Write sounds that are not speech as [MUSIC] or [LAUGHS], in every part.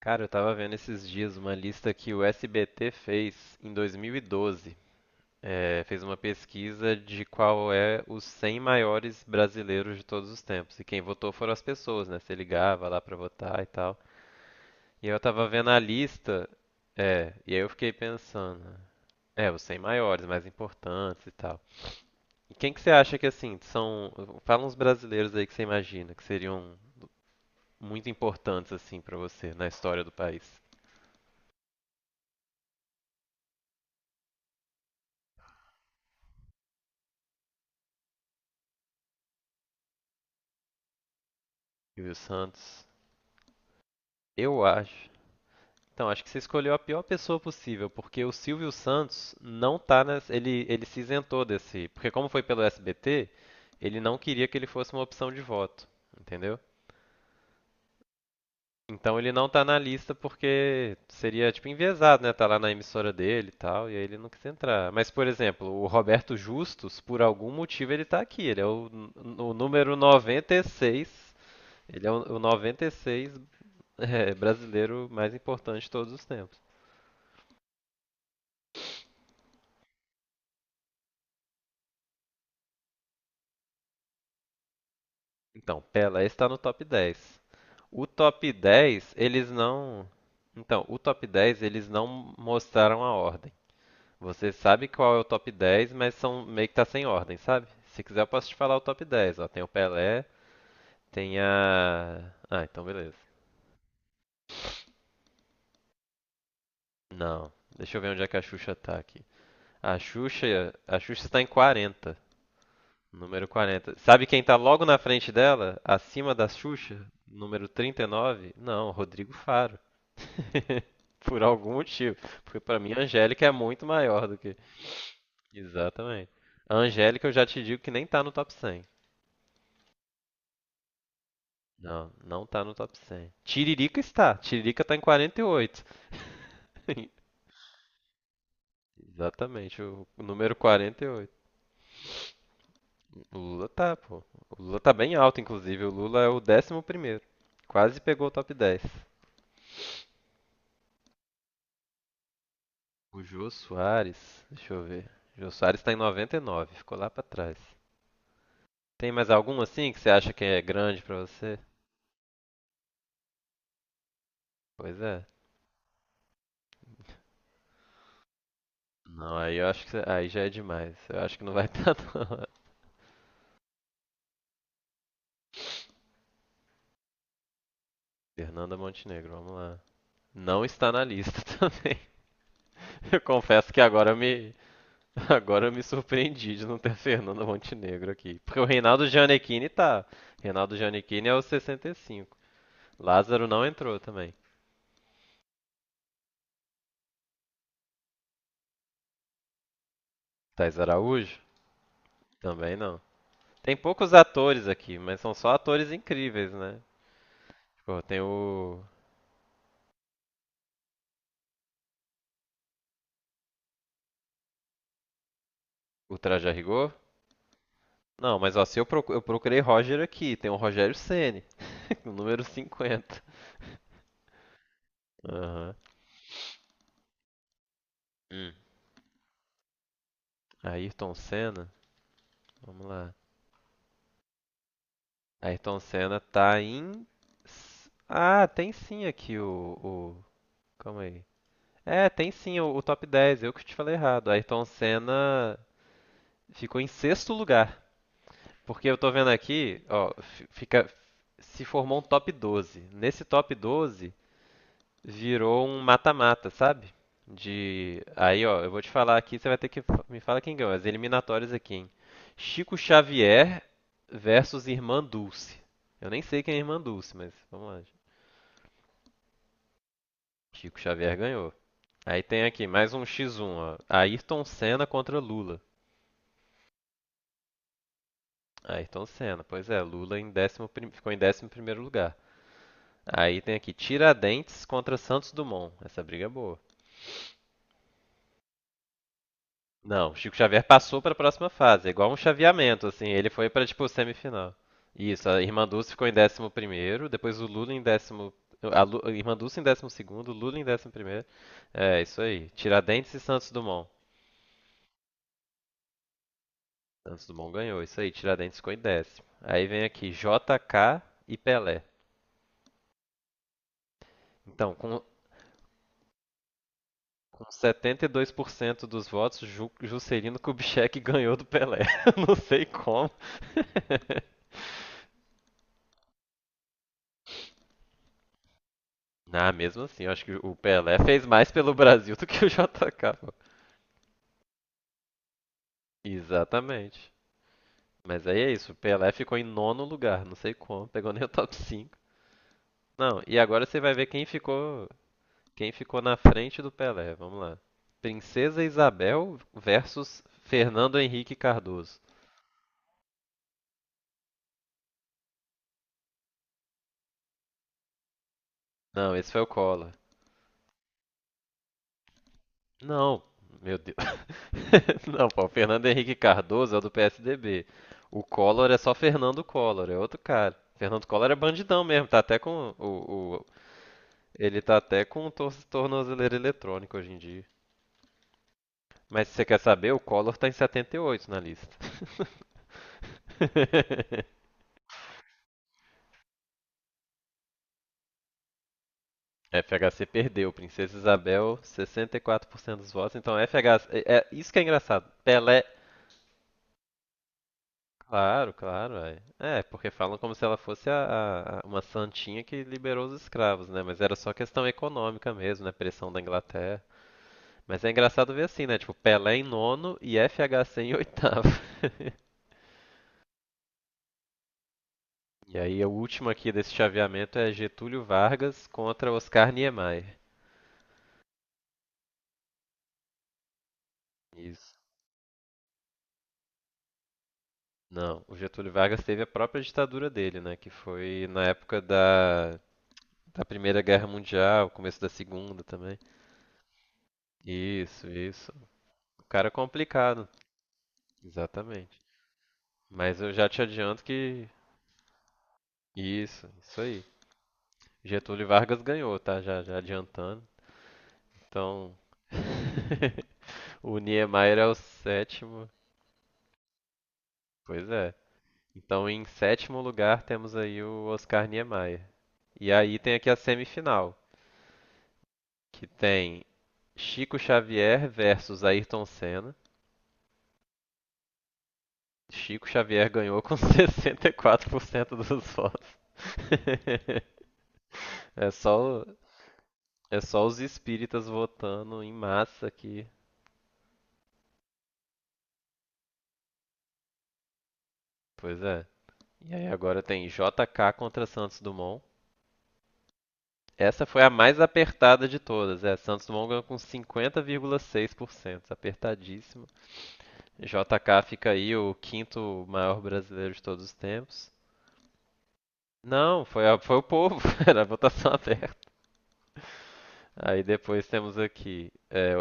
Cara, eu tava vendo esses dias uma lista que o SBT fez em 2012. É, fez uma pesquisa de qual é os 100 maiores brasileiros de todos os tempos. E quem votou foram as pessoas, né? Você ligava lá pra votar e tal. E eu tava vendo a lista, é, e aí eu fiquei pensando, é, os 100 maiores, mais importantes e tal. E quem que você acha que, assim, são... Fala uns brasileiros aí que você imagina que seriam muito importantes, assim, pra você na história do país. Silvio Santos... Eu acho. Então, acho que você escolheu a pior pessoa possível, porque o Silvio Santos não tá nessa, ele se isentou desse, porque como foi pelo SBT, ele não queria que ele fosse uma opção de voto, entendeu? Então ele não tá na lista porque seria tipo enviesado, né? Tá lá na emissora dele e tal, e aí ele não quis entrar. Mas, por exemplo, o Roberto Justus, por algum motivo ele tá aqui, ele é o, n- o número 96, ele é o 96 [LAUGHS] brasileiro mais importante de todos os tempos. Então, Pelé está no top 10. O top 10, eles não. Então, o top 10, eles não mostraram a ordem. Você sabe qual é o top 10, mas são meio que tá sem ordem, sabe? Se quiser, eu posso te falar o top 10. Ó, tem o Pelé, tem a. Ah, então beleza. Não. Deixa eu ver onde é que a Xuxa tá aqui. A Xuxa está em 40, número 40. Sabe quem tá logo na frente dela, acima da Xuxa, número 39? Não, Rodrigo Faro. [LAUGHS] Por algum motivo. Porque pra mim a Angélica é muito maior do que. Exatamente. A Angélica eu já te digo que nem tá no top 100. Não, não tá no top 100. Tiririca está. Tiririca tá em 48. Exatamente, o número 48. O Lula tá, pô. O Lula tá bem alto, inclusive. O Lula é o 11º primeiro. Quase pegou o top 10. O Jô Soares, deixa eu ver. O Jô Soares tá em 99, ficou lá pra trás. Tem mais algum assim que você acha que é grande pra você? Pois é. Não, aí já é demais. Eu acho que não vai [LAUGHS] estar não. Fernanda Montenegro, vamos lá. Não está na lista [LAUGHS] também. Eu confesso que agora eu me surpreendi de não ter [LAUGHS] Fernanda Montenegro aqui, porque o Reinaldo Gianecchini tá. Reinaldo Gianecchini é o 65. Lázaro não entrou também. Thais Araújo também não. Tem poucos atores aqui, mas são só atores incríveis, né? Tipo, tem o Traje a Rigor. Não, mas ó, se eu procu- eu procurei Roger aqui, tem o Rogério Ceni. [LAUGHS] O número 50. Aham. Uhum. Hum. Ayrton Senna. Vamos lá. Ayrton Senna tá em. Ah, tem sim aqui o. o... Calma aí. É, tem sim o top 10. Eu que te falei errado. Ayrton Senna ficou em sexto lugar. Porque eu tô vendo aqui, ó, fica. Se formou um top 12. Nesse top 12, virou um mata-mata, sabe? De. Aí, ó, eu vou te falar aqui, você vai ter que me falar quem ganhou. As eliminatórias aqui, hein? Chico Xavier versus Irmã Dulce. Eu nem sei quem é a Irmã Dulce, mas vamos lá. Chico Xavier ganhou. Aí tem aqui mais um X1, ó. Ayrton Senna contra Lula. Ayrton Senna, pois é, Lula ficou em décimo primeiro lugar. Aí tem aqui Tiradentes contra Santos Dumont. Essa briga é boa. Não, Chico Xavier passou para a próxima fase, é igual um chaveamento, assim, ele foi para tipo semifinal. Isso, a Irmã Dulce ficou em décimo primeiro, depois o Lula em décimo, a Irmã Dulce em décimo segundo, o Lula em décimo primeiro. É, isso aí. Tiradentes e Santos Dumont. Santos Dumont ganhou, isso aí, Tiradentes ficou em décimo. Aí vem aqui JK e Pelé. Então, com 72% dos votos, Juscelino Kubitschek [LAUGHS] ganhou do Pelé. [LAUGHS] Não sei como. Ah, mesmo assim, eu acho que o Pelé fez mais pelo Brasil [LAUGHS] do que o JK, pô. Exatamente. Mas aí é isso, o Pelé ficou em nono lugar, não sei como, pegou nem o top 5. Não, e agora você vai ver quem ficou na frente do Pelé, vamos lá. Princesa Isabel versus Fernando Henrique Cardoso. Não, esse foi o Collor. Não, meu Deus. [LAUGHS] Não, pô, o Fernando Henrique Cardoso é o do PSDB. O Collor é só Fernando Collor, é outro cara. Fernando Collor é bandidão mesmo, tá até com o- ele tá até com o tornozeleira eletrônico hoje em dia. Mas se você quer saber, o Collor tá em 78 na lista. [LAUGHS] FHC perdeu, Princesa Isabel, 64% dos votos. Então FHC, é isso que é engraçado. Pelé. Claro, claro, é. É, porque falam como se ela fosse uma santinha que liberou os escravos, né? Mas era só questão econômica mesmo, né? Pressão da Inglaterra. Mas é engraçado ver assim, né? Tipo, Pelé em nono e FHC em oitavo. [LAUGHS] E aí, o último aqui desse chaveamento é Getúlio Vargas contra Oscar Niemeyer. Isso. Não, o Getúlio Vargas teve a própria ditadura dele, né? Que foi na época da Primeira Guerra Mundial, começo da Segunda também. Isso, isso. O cara é complicado. Exatamente. Mas eu já te adianto que. Isso aí. Getúlio Vargas ganhou, tá? Já, já adiantando. Então. [LAUGHS] O Niemeyer é o sétimo. Pois é. Então, em sétimo lugar, temos aí o Oscar Niemeyer. E aí tem aqui a semifinal, que tem Chico Xavier versus Ayrton Senna. Chico Xavier ganhou com [LAUGHS] 64% dos votos. [LAUGHS] é só, É só os espíritas votando em massa aqui. Pois é. E aí agora tem JK contra Santos Dumont. Essa foi a mais apertada de todas. É, Santos Dumont ganhou com 50,6%, apertadíssimo. JK fica aí o quinto maior brasileiro de todos os tempos. Não, foi o povo, [LAUGHS] era a votação aberta. Aí depois temos aqui,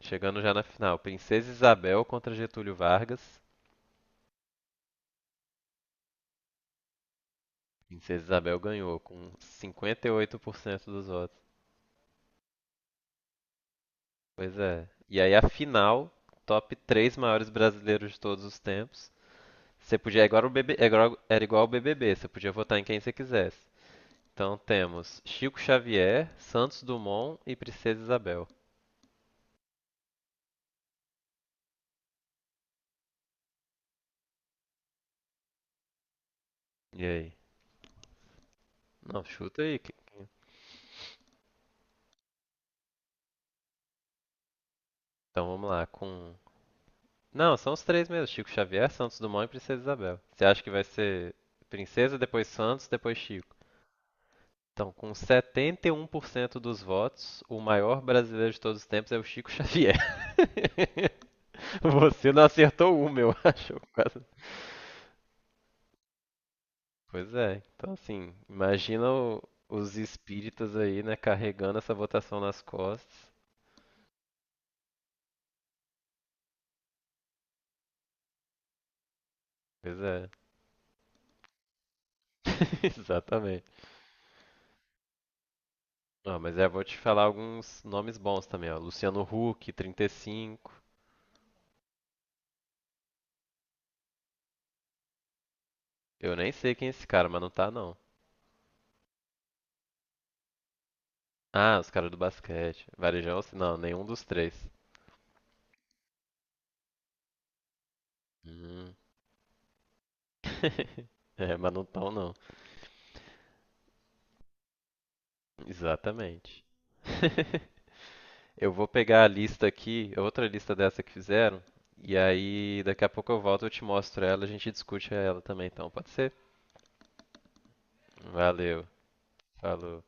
chegando já na final, Princesa Isabel contra Getúlio Vargas. Princesa Isabel ganhou com 58% dos votos. Pois é. E aí a final, top 3 maiores brasileiros de todos os tempos. Você podia, agora o BB, agora era igual ao BBB, você podia votar em quem você quisesse. Então temos Chico Xavier, Santos Dumont e Princesa Isabel. E aí? Não, chuta aí. Então vamos lá, com... Não, são os três mesmo, Chico Xavier, Santos Dumont e Princesa Isabel. Você acha que vai ser Princesa, depois Santos, depois Chico? Então, com 71% dos votos, o maior brasileiro de todos os tempos é o Chico Xavier. [LAUGHS] Você não acertou uma, eu acho. Pois é. Então, assim, imagina os espíritas aí, né, carregando essa votação nas costas. Pois é. [LAUGHS] Exatamente. Ah, mas eu vou te falar alguns nomes bons também, ó. Luciano Huck, 35. Eu nem sei quem é esse cara, mas não tá, não. Ah, os caras do basquete. Varejão, não, nenhum dos três. Hum. [LAUGHS] É, mas não tão, não. Exatamente. [LAUGHS] Eu vou pegar a lista aqui, outra lista dessa que fizeram, e aí daqui a pouco eu volto, eu te mostro ela, a gente discute ela também, então, pode ser? Valeu, falou.